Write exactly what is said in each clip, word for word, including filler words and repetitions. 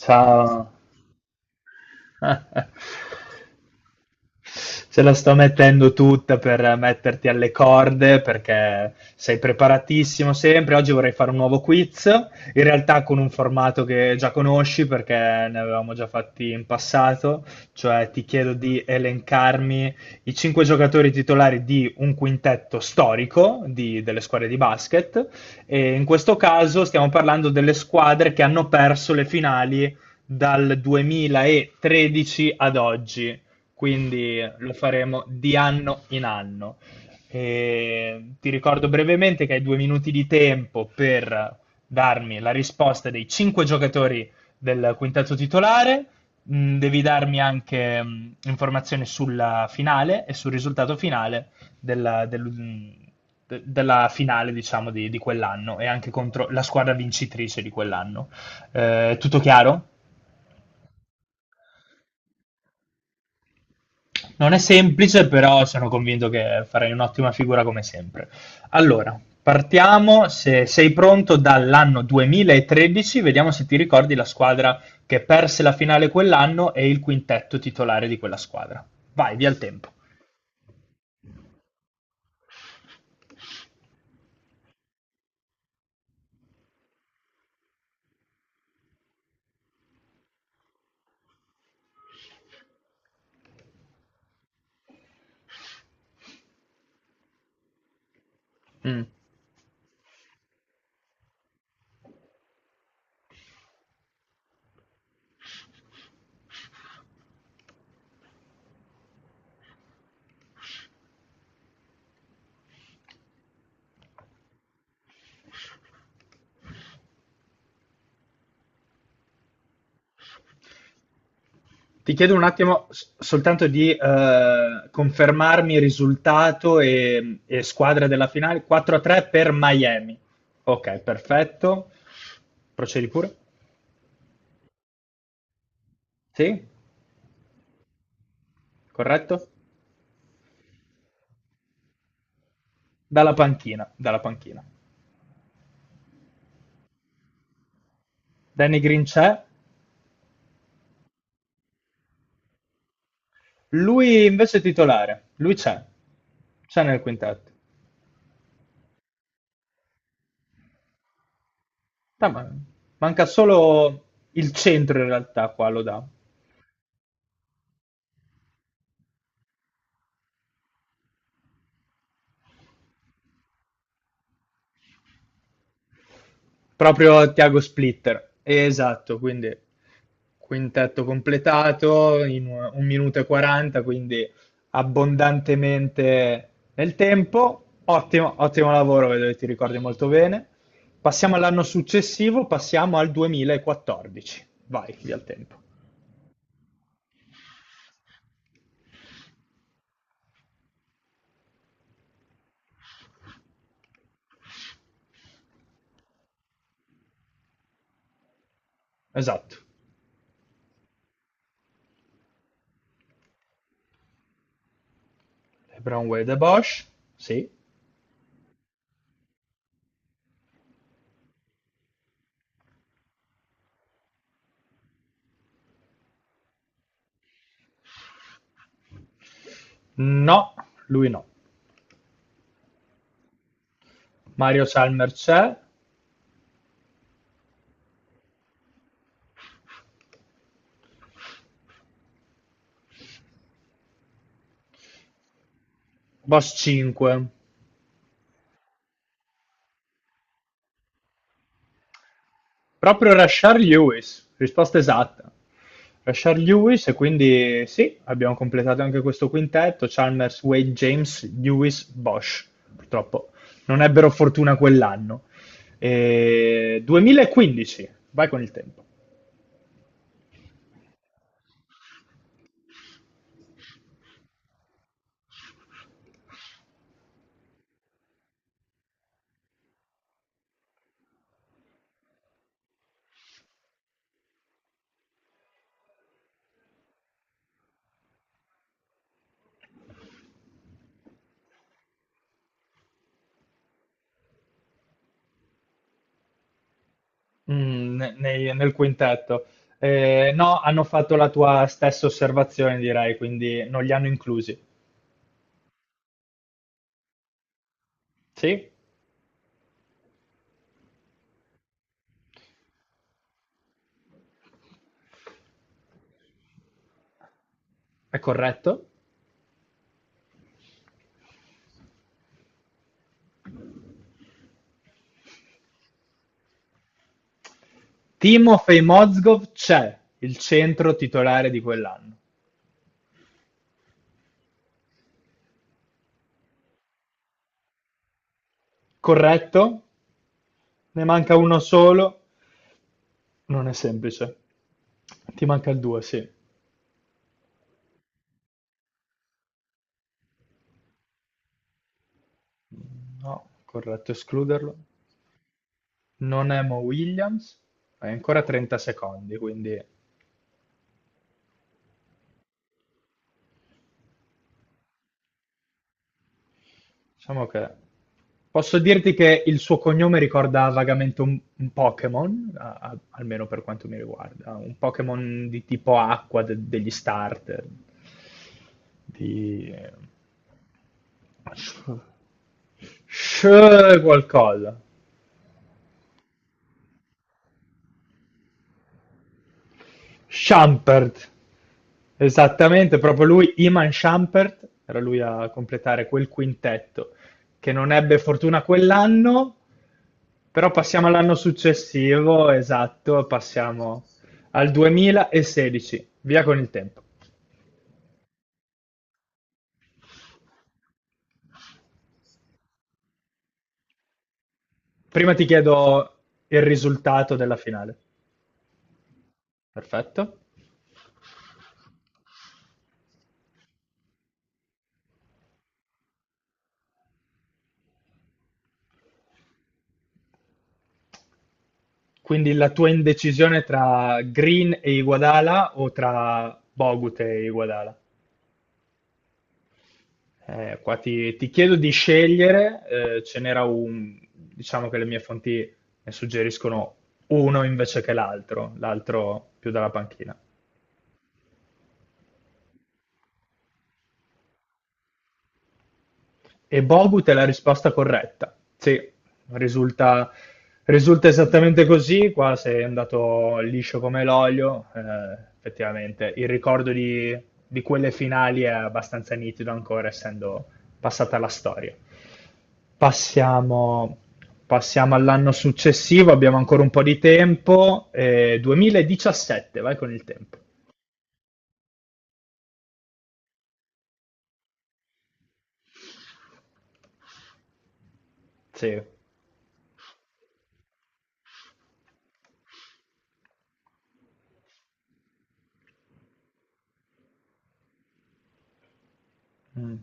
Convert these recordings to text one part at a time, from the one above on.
Ciao. Ce la sto mettendo tutta per metterti alle corde perché sei preparatissimo sempre. Oggi vorrei fare un nuovo quiz, in realtà con un formato che già conosci perché ne avevamo già fatti in passato, cioè ti chiedo di elencarmi i cinque giocatori titolari di un quintetto storico di- delle squadre di basket e in questo caso stiamo parlando delle squadre che hanno perso le finali dal duemilatredici ad oggi, quindi lo faremo di anno in anno. E ti ricordo brevemente che hai due minuti di tempo per darmi la risposta dei cinque giocatori del quintetto titolare. Mm, Devi darmi anche mm, informazioni sulla finale e sul risultato finale della, del- mm, de- della finale, diciamo, di, di quell'anno e anche contro la squadra vincitrice di quell'anno. Eh, tutto chiaro? Non è semplice, però sono convinto che farai un'ottima figura come sempre. Allora, partiamo, se sei pronto, dall'anno duemilatredici, vediamo se ti ricordi la squadra che perse la finale quell'anno e il quintetto titolare di quella squadra. Vai, via il tempo. Mm. Ti chiedo un attimo s- soltanto di eh, confermarmi il risultato e, e squadra della finale, quattro a tre per Miami. Ok, perfetto. Procedi pure? Sì? Corretto? Dalla panchina, dalla panchina. Danny Green c'è, lui invece è titolare, lui c'è, c'è nel quintetto. Ah, ma- manca solo il centro in realtà qua, lo dà. Proprio Tiago Splitter, esatto, quindi quintetto completato in un un minuto e quaranta, quindi abbondantemente nel tempo. Ottimo, ottimo lavoro, vedo che ti ricordi molto bene. Passiamo all'anno successivo, passiamo al duemilaquattordici. Vai, via il tempo. Esatto. LeBron, Wade e Bosch? Sì. No, lui no. Mario Chalmers c'è. Bosch cinque. Proprio Rashard Lewis, risposta esatta. Rashard Lewis, e quindi sì, abbiamo completato anche questo quintetto: Chalmers, Wade, James, Lewis, Bosch. Purtroppo non ebbero fortuna quell'anno. E duemilaquindici, vai con il tempo. Mm, ne- nei- nel quintetto. Eh, no, hanno fatto la tua stessa osservazione, direi, quindi non li hanno inclusi. Sì, è corretto. Timofey Mozgov c'è, il centro titolare di quell'anno. Corretto, ne manca uno solo, non è semplice. Ti manca il due, sì. No, corretto, escluderlo. Non è Mo Williams. Hai ancora trenta secondi, quindi diciamo che... Posso dirti che il suo cognome ricorda vagamente un, un, Pokémon, a- a- almeno per quanto mi riguarda, un Pokémon di tipo acqua de- degli starter, di... eh, Sh... Sh qualcosa. Shumpert, esattamente, proprio lui, Iman Shumpert, era lui a completare quel quintetto che non ebbe fortuna quell'anno, però passiamo all'anno successivo, esatto, passiamo al duemilasedici, via con il tempo. Prima ti chiedo il risultato della finale. Perfetto. Quindi la tua indecisione tra Green e Iguodala o tra Bogut e Iguodala? Eh, qua ti, ti chiedo di scegliere, eh, ce n'era un, diciamo che le mie fonti ne suggeriscono uno invece che l'altro, l'altro più dalla panchina. E Bogut è la risposta corretta. Sì, risulta, risulta esattamente così. Qua sei andato liscio come l'olio. Eh, effettivamente, il ricordo di, di quelle finali è abbastanza nitido ancora, essendo passata la storia. Passiamo, passiamo all'anno successivo, abbiamo ancora un po' di tempo. eh, duemiladiciassette, vai con il tempo. Sì. Mm,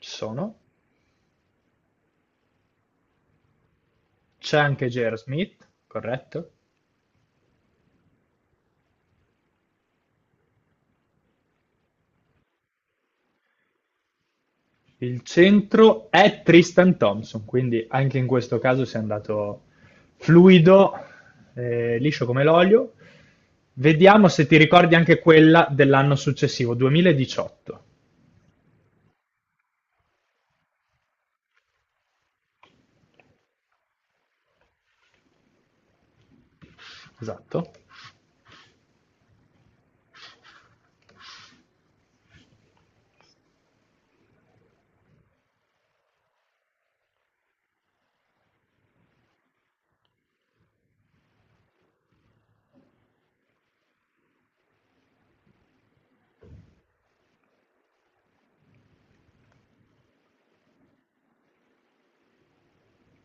Ci sono. C'è anche J R. Smith, corretto? Il centro è Tristan Thompson, quindi anche in questo caso si è andato fluido, eh, liscio come l'olio. Vediamo se ti ricordi anche quella dell'anno successivo, duemiladiciotto. Esatto.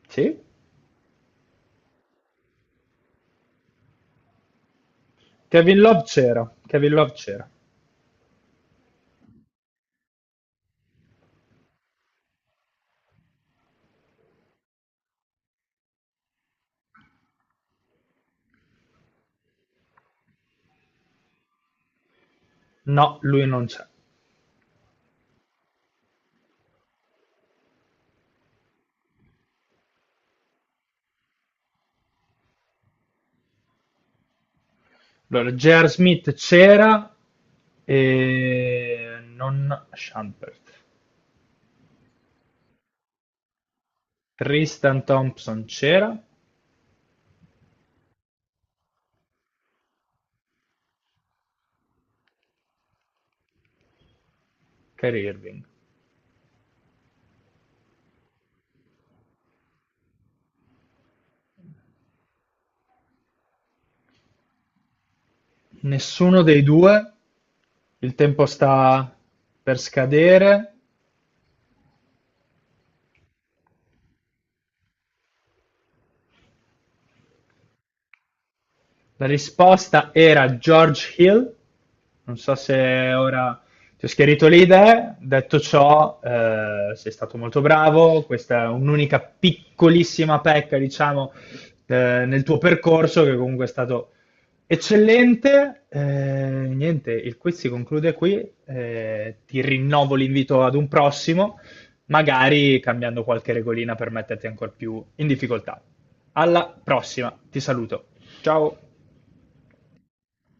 Sì. Kevin Love c'era. Kevin Love c'era. No, lui non c'è. Allora, J R. Smith c'era e non Shumpert. Tristan Thompson c'era. Kyrie Irving. Nessuno dei due? Il tempo sta per scadere. La risposta era George Hill. Non so se ora ti ho schiarito le idee. Detto ciò, eh, sei stato molto bravo. Questa è un'unica piccolissima pecca, diciamo, eh, nel tuo percorso, che comunque è stato eccellente. Eh, niente, il quiz si conclude qui. Eh, ti rinnovo l'invito ad un prossimo, magari cambiando qualche regolina per metterti ancora più in difficoltà. Alla prossima, ti saluto. Ciao.